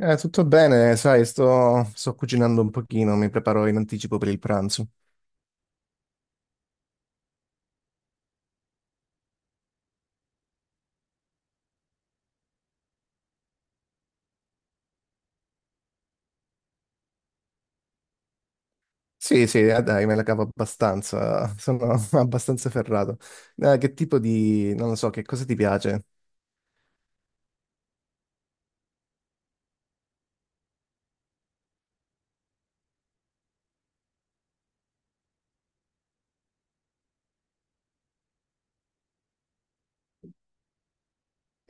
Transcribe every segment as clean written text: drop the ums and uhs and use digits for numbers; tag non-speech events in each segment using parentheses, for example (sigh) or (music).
Tutto bene, sai, sto cucinando un pochino, mi preparo in anticipo per il pranzo. Sì, sì, dai, me la cavo abbastanza, sono (laughs) abbastanza ferrato. Che tipo di, non lo so, che cosa ti piace?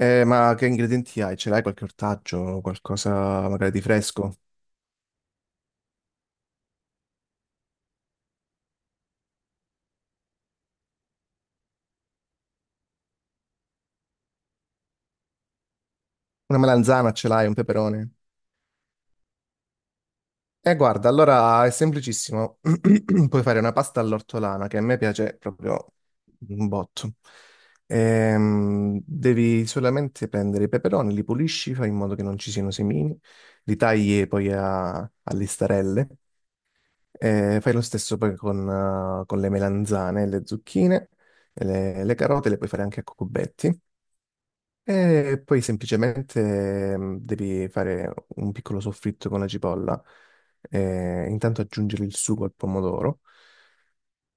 Ma che ingredienti hai? Ce l'hai qualche ortaggio, qualcosa magari di fresco? Una melanzana ce l'hai, un peperone? Guarda, allora è semplicissimo. (clears throat) Puoi fare una pasta all'ortolana che a me piace proprio un botto. Devi solamente prendere i peperoni, li pulisci, fai in modo che non ci siano semini, li tagli poi a listarelle. E fai lo stesso poi con le melanzane, le zucchine, e le carote, le puoi fare anche a cubetti. E poi semplicemente devi fare un piccolo soffritto con la cipolla, intanto aggiungere il sugo al pomodoro.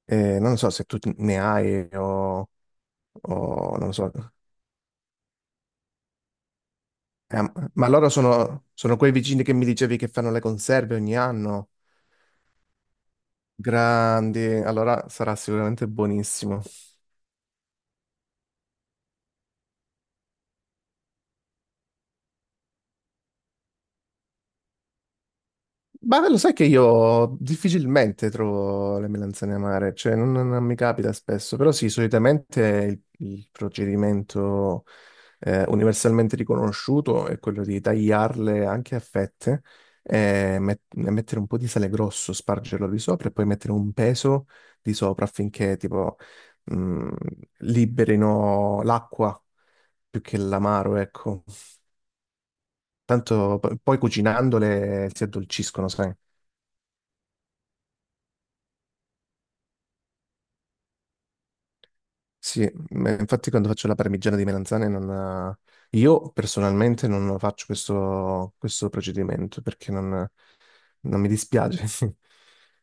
Non so se tu ne hai o non so. Ma loro sono quei vicini che mi dicevi che fanno le conserve ogni anno. Grandi, allora sarà sicuramente buonissimo. Ma lo sai che io difficilmente trovo le melanzane amare, cioè non mi capita spesso, però sì, solitamente il procedimento universalmente riconosciuto è quello di tagliarle anche a fette, e mettere un po' di sale grosso, spargerlo di sopra e poi mettere un peso di sopra affinché tipo mh, liberino l'acqua più che l'amaro, ecco. Tanto poi cucinandole si addolciscono, sai? Sì, ma infatti quando faccio la parmigiana di melanzane non... Io personalmente non faccio questo procedimento perché non mi dispiace. (laughs)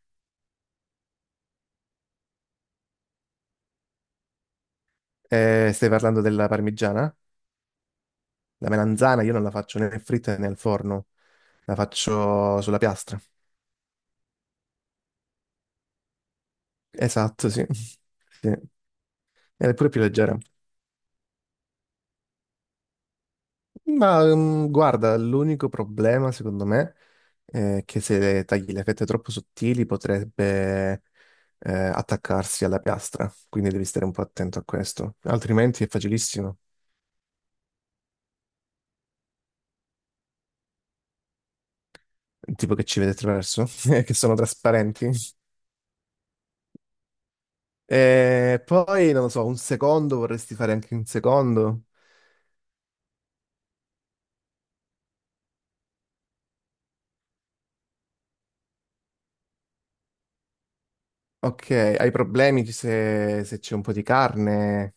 Stai parlando della parmigiana? La melanzana io non la faccio né fritta né al forno, la faccio sulla piastra. Esatto, sì. (laughs) Sì. È pure più leggera. Guarda, l'unico problema secondo me è che se tagli le fette troppo sottili potrebbe attaccarsi alla piastra, quindi devi stare un po' attento a questo, altrimenti è facilissimo, tipo che ci vede attraverso, (laughs) che sono trasparenti. E poi, non lo so, un secondo vorresti fare anche un secondo? Ok, hai problemi se c'è un po' di carne?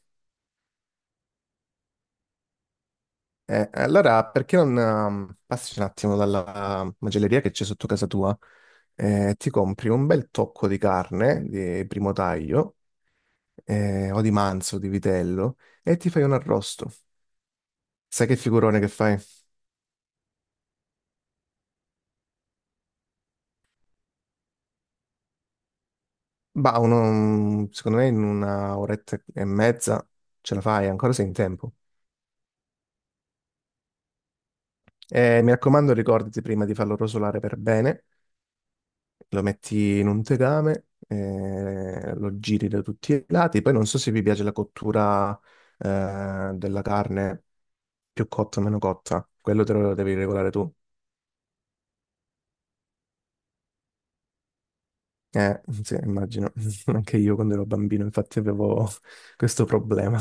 Allora, perché non passi un attimo dalla macelleria che c'è sotto casa tua e ti compri un bel tocco di carne di primo taglio o di manzo, di vitello e ti fai un arrosto. Sai che figurone che fai? Secondo me in una oretta e mezza ce la fai, ancora sei in tempo. Mi raccomando, ricordati prima di farlo rosolare per bene lo metti in un tegame, lo giri da tutti i lati. Poi non so se vi piace la cottura, della carne più cotta o meno cotta, quello te lo devi regolare tu. Sì, immagino, (laughs) anche io quando ero bambino infatti avevo (laughs) questo problema.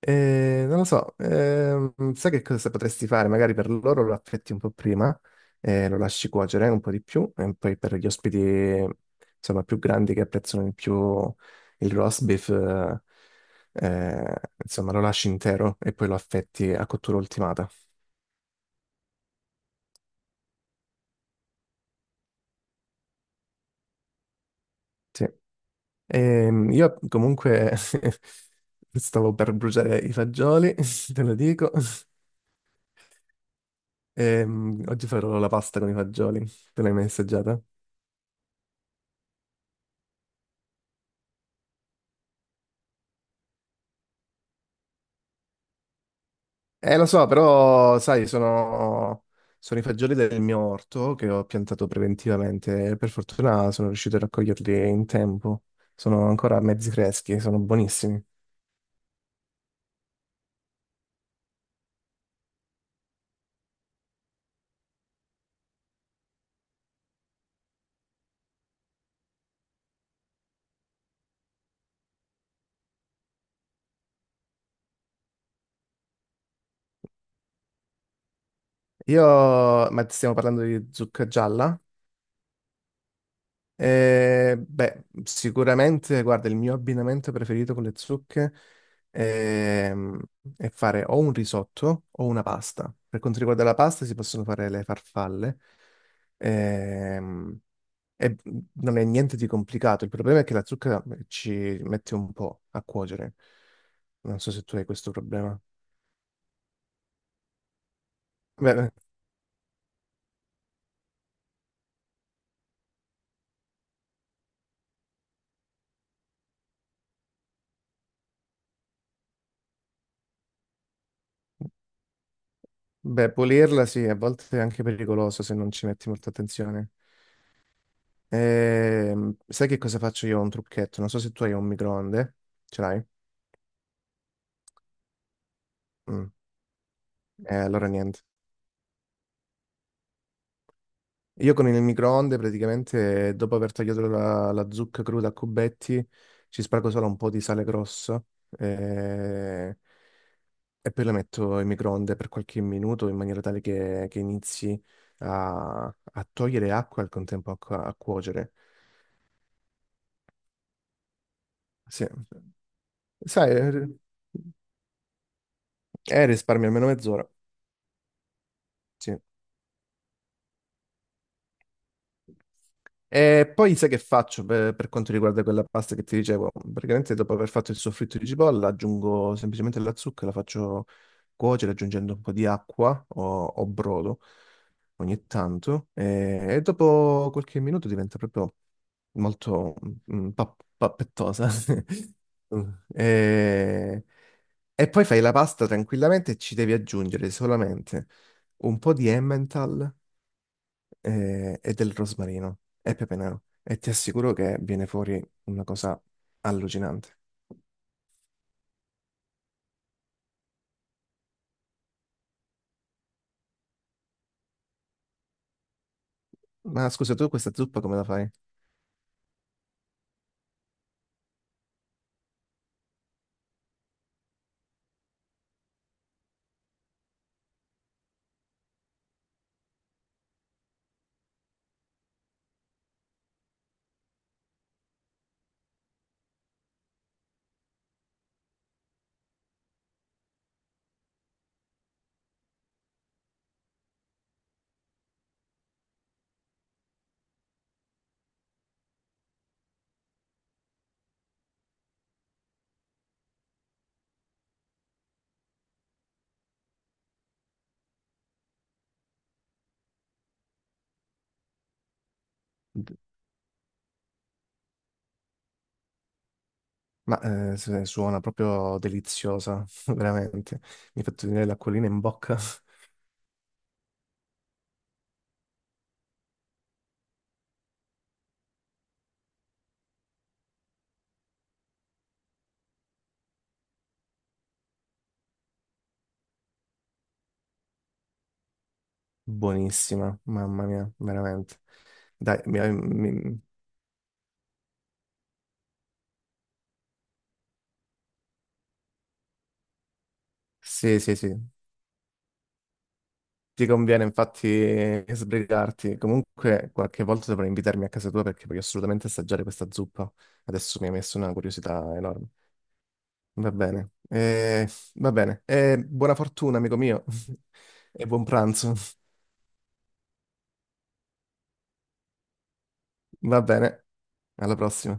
Non lo so, sai che cosa potresti fare? Magari per loro lo affetti un po' prima, lo lasci cuocere un po' di più, e poi per gli ospiti, insomma, più grandi che apprezzano di più il roast beef, eh, insomma, lo lasci intero e poi lo affetti a cottura ultimata. Sì. Io comunque (laughs) stavo per bruciare i fagioli, (laughs) te lo dico. Oggi farò la pasta con i fagioli, te l'hai mai assaggiata? Lo so, però, sai, sono i fagioli del mio orto che ho piantato preventivamente. Per fortuna sono riuscito a raccoglierli in tempo. Sono ancora mezzi freschi, sono buonissimi. Io, ma stiamo parlando di zucca gialla? Beh, sicuramente, guarda, il mio abbinamento preferito con le zucche ehm, è fare o un risotto o una pasta. Per quanto riguarda la pasta, si possono fare le farfalle. Ehm, Non è niente di complicato, il problema è che la zucca ci mette un po' a cuocere. Non so se tu hai questo problema. Beh, eh, Beh, pulirla sì, a volte è anche pericoloso se non ci metti molta attenzione. Sai che cosa faccio io? Ho un trucchetto, non so se tu hai un microonde, ce l'hai? Mm. Allora niente. Io con il microonde praticamente dopo aver tagliato la zucca cruda a cubetti ci spargo solo un po' di sale grosso. eh, E poi la metto in microonde per qualche minuto in maniera tale che inizi a togliere acqua e al contempo a, a cuocere. Sì. Sai, risparmio almeno mezz'ora. Sì. E poi sai che faccio per quanto riguarda quella pasta che ti dicevo? Praticamente dopo aver fatto il soffritto di cipolla aggiungo semplicemente la zucca, la faccio cuocere aggiungendo un po' di acqua o brodo ogni tanto e dopo qualche minuto diventa proprio molto pappettosa. (laughs) Mm. E... e poi fai la pasta tranquillamente e ci devi aggiungere solamente un po' di Emmental del rosmarino e pepe nero. E ti assicuro che viene fuori una cosa allucinante. Ma scusa, tu questa zuppa come la fai? D- Ma Suona proprio deliziosa, (laughs) veramente. Mi hai fatto venire l'acquolina in bocca. (laughs) Buonissima, mamma mia, veramente. Dai, mi- mi- sì, sì, sì. Ti conviene infatti sbrigarti. Comunque, qualche volta dovrai invitarmi a casa tua perché voglio assolutamente assaggiare questa zuppa. Adesso mi hai messo una curiosità enorme. Va bene, Eh, Va bene. Buona fortuna, amico mio, (laughs) e buon pranzo. Va bene, alla prossima.